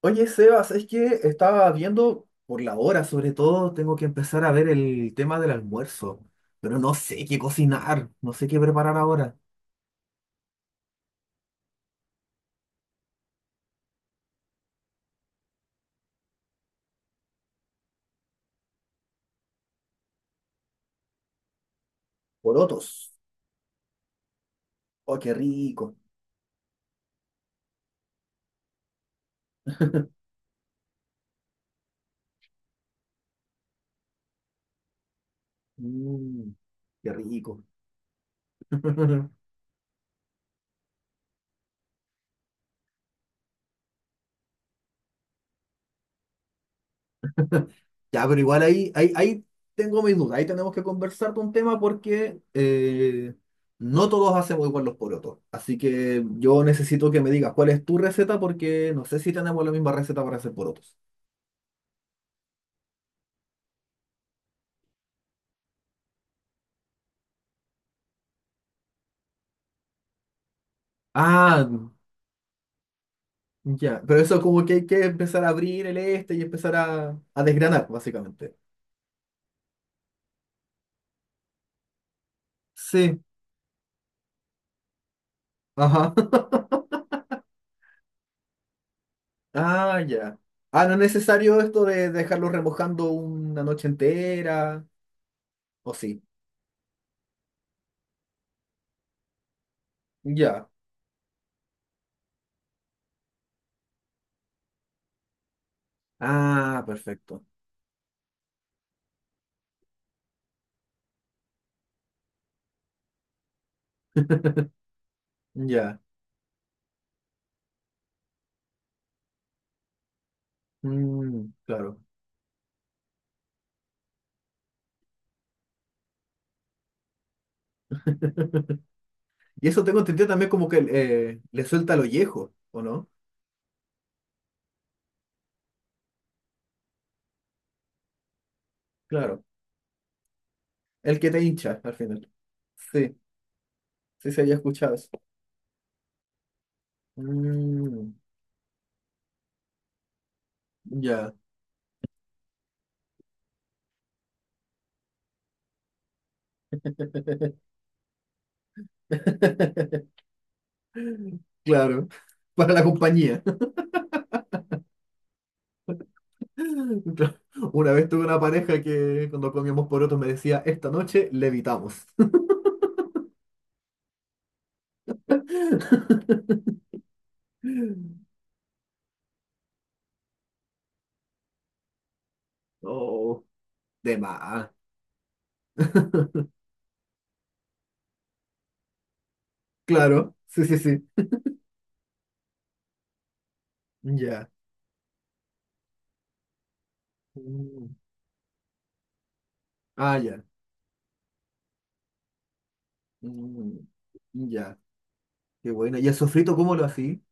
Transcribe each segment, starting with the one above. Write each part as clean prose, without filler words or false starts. Oye, Sebas, es que estaba viendo por la hora, sobre todo tengo que empezar a ver el tema del almuerzo, pero no sé qué cocinar, no sé qué preparar ahora. Porotos. Oh, qué rico. Mm, qué rico. Ya, pero igual ahí tengo mis dudas, ahí tenemos que conversar de un tema porque no todos hacemos igual los porotos. Así que yo necesito que me digas cuál es tu receta porque no sé si tenemos la misma receta para hacer porotos. Ah, ya, pero eso como que hay que empezar a abrir el este y empezar a desgranar, básicamente. Sí, ajá. Ah, ya. Ah, no es necesario esto de dejarlo remojando una noche entera, ¿o sí? Ya. Ah, perfecto. Ya. Mm, claro. Y eso tengo entendido también como que le suelta el ollejo, ¿o no? Claro. El que te hincha al final. Sí, sí se había escuchado eso. Mm, ya. Claro, para la compañía. Claro. Una vez tuve una pareja que cuando comíamos porotos me decía, esta noche levitamos. Oh, de más. Claro, sí, sí, sí. Ya. Mm. Ah, ya. Mm. Ya. Qué buena. ¿Y el sofrito cómo lo así?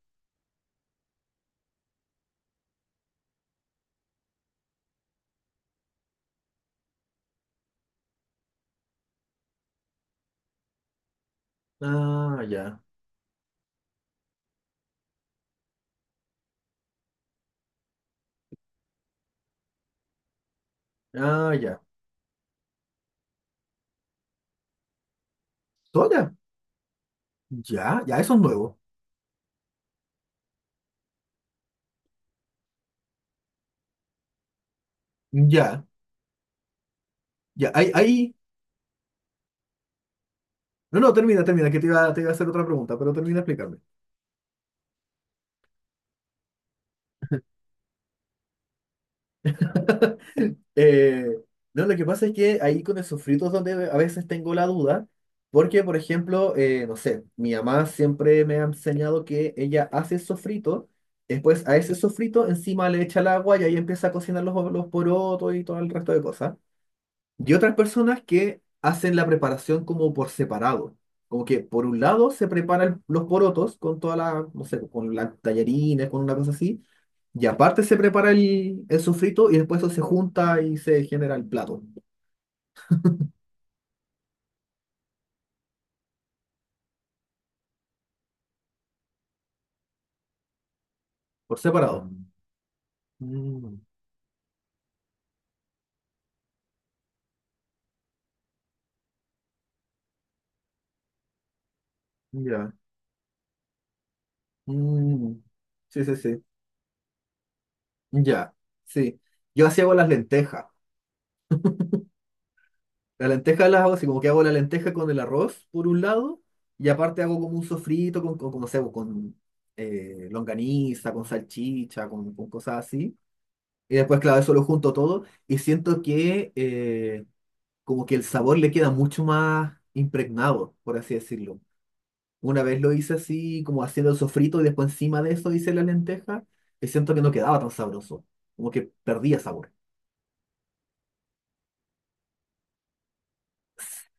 Ah, ya. Ah, ya. ¿Soya? Ya, ya, eso es nuevo. Ya, ya. Ahí, ahí. No, no, termina, termina, que te iba a hacer otra pregunta, pero termina de explicarme. Eh, no, lo que pasa es que ahí con esos fritos donde a veces tengo la duda, porque por ejemplo, no sé, mi mamá siempre me ha enseñado que ella hace sofrito, después a ese sofrito encima le echa el agua y ahí empieza a cocinar los porotos y todo el resto de cosas. Y otras personas que hacen la preparación como por separado, como que por un lado se preparan los porotos con toda la, no sé, con las tallarines, con una cosa así. Y aparte se prepara el sofrito y después eso se junta y se genera el plato, por separado. Mm, ya. Mm, sí, sí, sí. Ya, sí. Yo así hago las lentejas. Las lentejas las hago así, como que hago la lenteja con el arroz por un lado y aparte hago como un sofrito no sé, con longaniza, con salchicha, con cosas así. Y después, claro, eso lo junto todo y siento que como que el sabor le queda mucho más impregnado, por así decirlo. Una vez lo hice así, como haciendo el sofrito y después encima de eso hice la lenteja y siento que no quedaba tan sabroso, como que perdía sabor.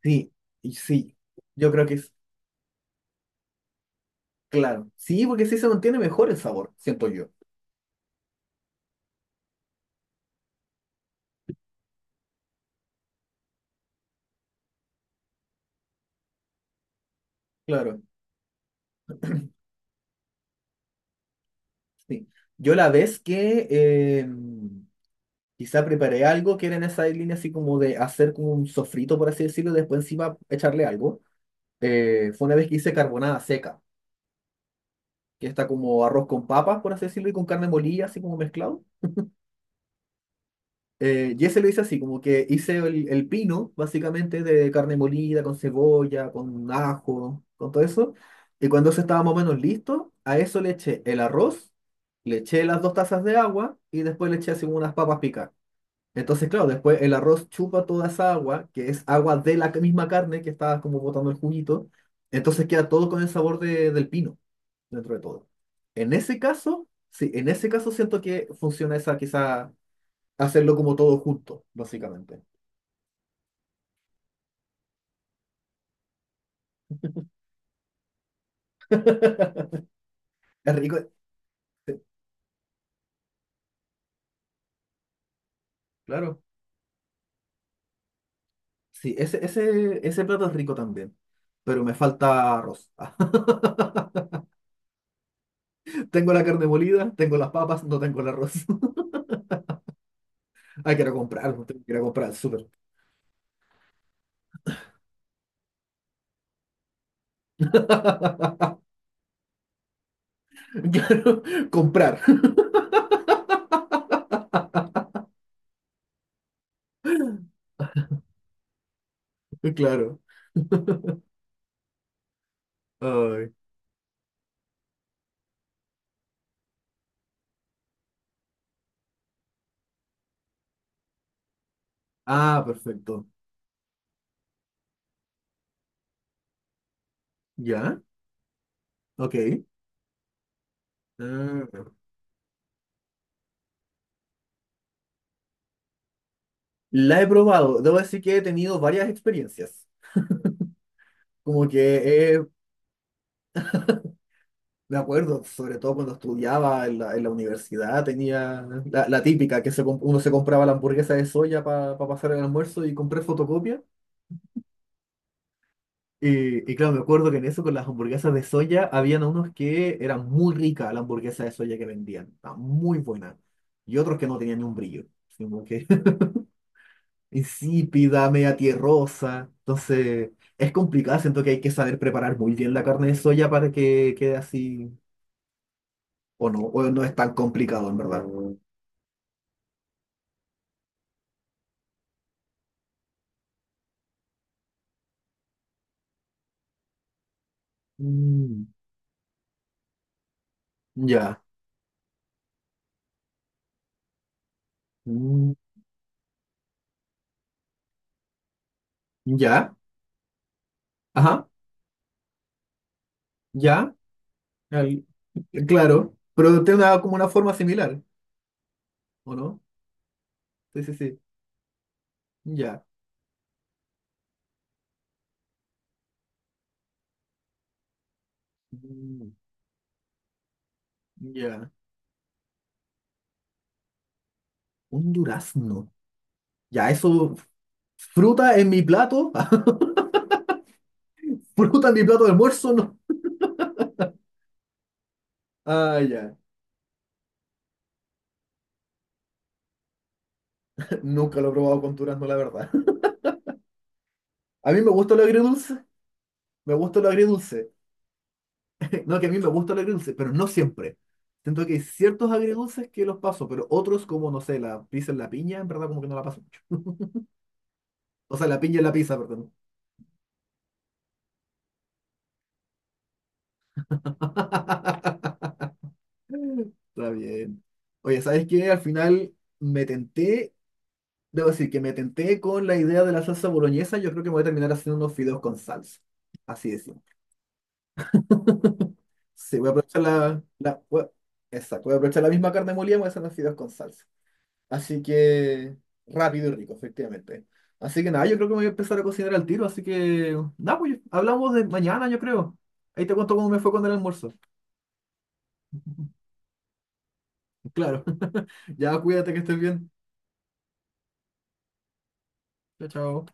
Sí, y sí, yo creo que es claro. Sí, porque sí se mantiene mejor el sabor, siento yo. Claro, sí. Yo la vez que quizá preparé algo que era en esa línea así como de hacer como un sofrito, por así decirlo, y después encima echarle algo, fue una vez que hice carbonada seca, que está como arroz con papas, por así decirlo, y con carne molida, así como mezclado. Jesse lo hice así, como que hice el pino, básicamente, de carne molida, con cebolla, con ajo, con todo eso. Y cuando eso estaba más o menos listo, a eso le eché el arroz, le eché las 2 tazas de agua y después le eché así como unas papas picadas. Entonces, claro, después el arroz chupa toda esa agua, que es agua de la misma carne que estaba como botando el juguito. Entonces queda todo con el sabor de- del pino dentro de todo. En ese caso, sí, en ese caso siento que funciona esa, quizá hacerlo como todo junto, básicamente. Es rico, claro. Sí, ese plato es rico también, pero me falta arroz. Ah, tengo la carne molida, tengo las papas, no tengo el arroz. Hay que ir a comprarlo, tengo que ir a comprar al súper. Claro, comprar, claro. Ay. Ah, perfecto. ¿Ya? Ok. Ah. La he probado, debo decir que he tenido varias experiencias. Como que he Me acuerdo, sobre todo cuando estudiaba en en la universidad, tenía la típica que se comp- uno se compraba la hamburguesa de soya para pasar el almuerzo y compré fotocopia. Y claro, me acuerdo que en eso con las hamburguesas de soya habían unos que eran muy ricas la hamburguesa de soya que vendían, estaba muy buena. Y otros que no tenían ni un brillo, sino que insípida, media tierrosa. Entonces, es complicado, siento que hay que saber preparar muy bien la carne de soya para que quede así, o no es tan complicado en verdad. Mm, ya, mm, ya, ajá, ya, al- claro, pero tiene una, como una forma similar, ¿o no? Sí, sí, sí, ya, mm, ya, un durazno, ya, eso, fruta en mi plato, fruta en mi plato de almuerzo, no, ah, ya, nunca lo he probado con durazno, la verdad. A mí me gusta lo agridulce, me gusta lo agridulce, no, que a mí me gusta lo agridulce, pero no siempre. Siento que hay ciertos agridulces que los paso, pero otros como, no sé, la pizza en la piña, en verdad como que no la paso mucho. O sea, la piña en la pizza, perdón. Está bien. Oye, ¿sabes qué? Al final me tenté, debo decir que me tenté con la idea de la salsa boloñesa. Yo creo que me voy a terminar haciendo unos fideos con salsa. Así es. Sí, voy a aprovechar exacto, voy a aprovechar la misma carne molida, y voy a hacer unos fideos con salsa. Así que rápido y rico, efectivamente. Así que nada, yo creo que me voy a empezar a cocinar al tiro, así que nada, pues hablamos de mañana, yo creo. Ahí te cuento cómo me fue con el almuerzo. Claro. Ya cuídate que estés bien. Chao, chao.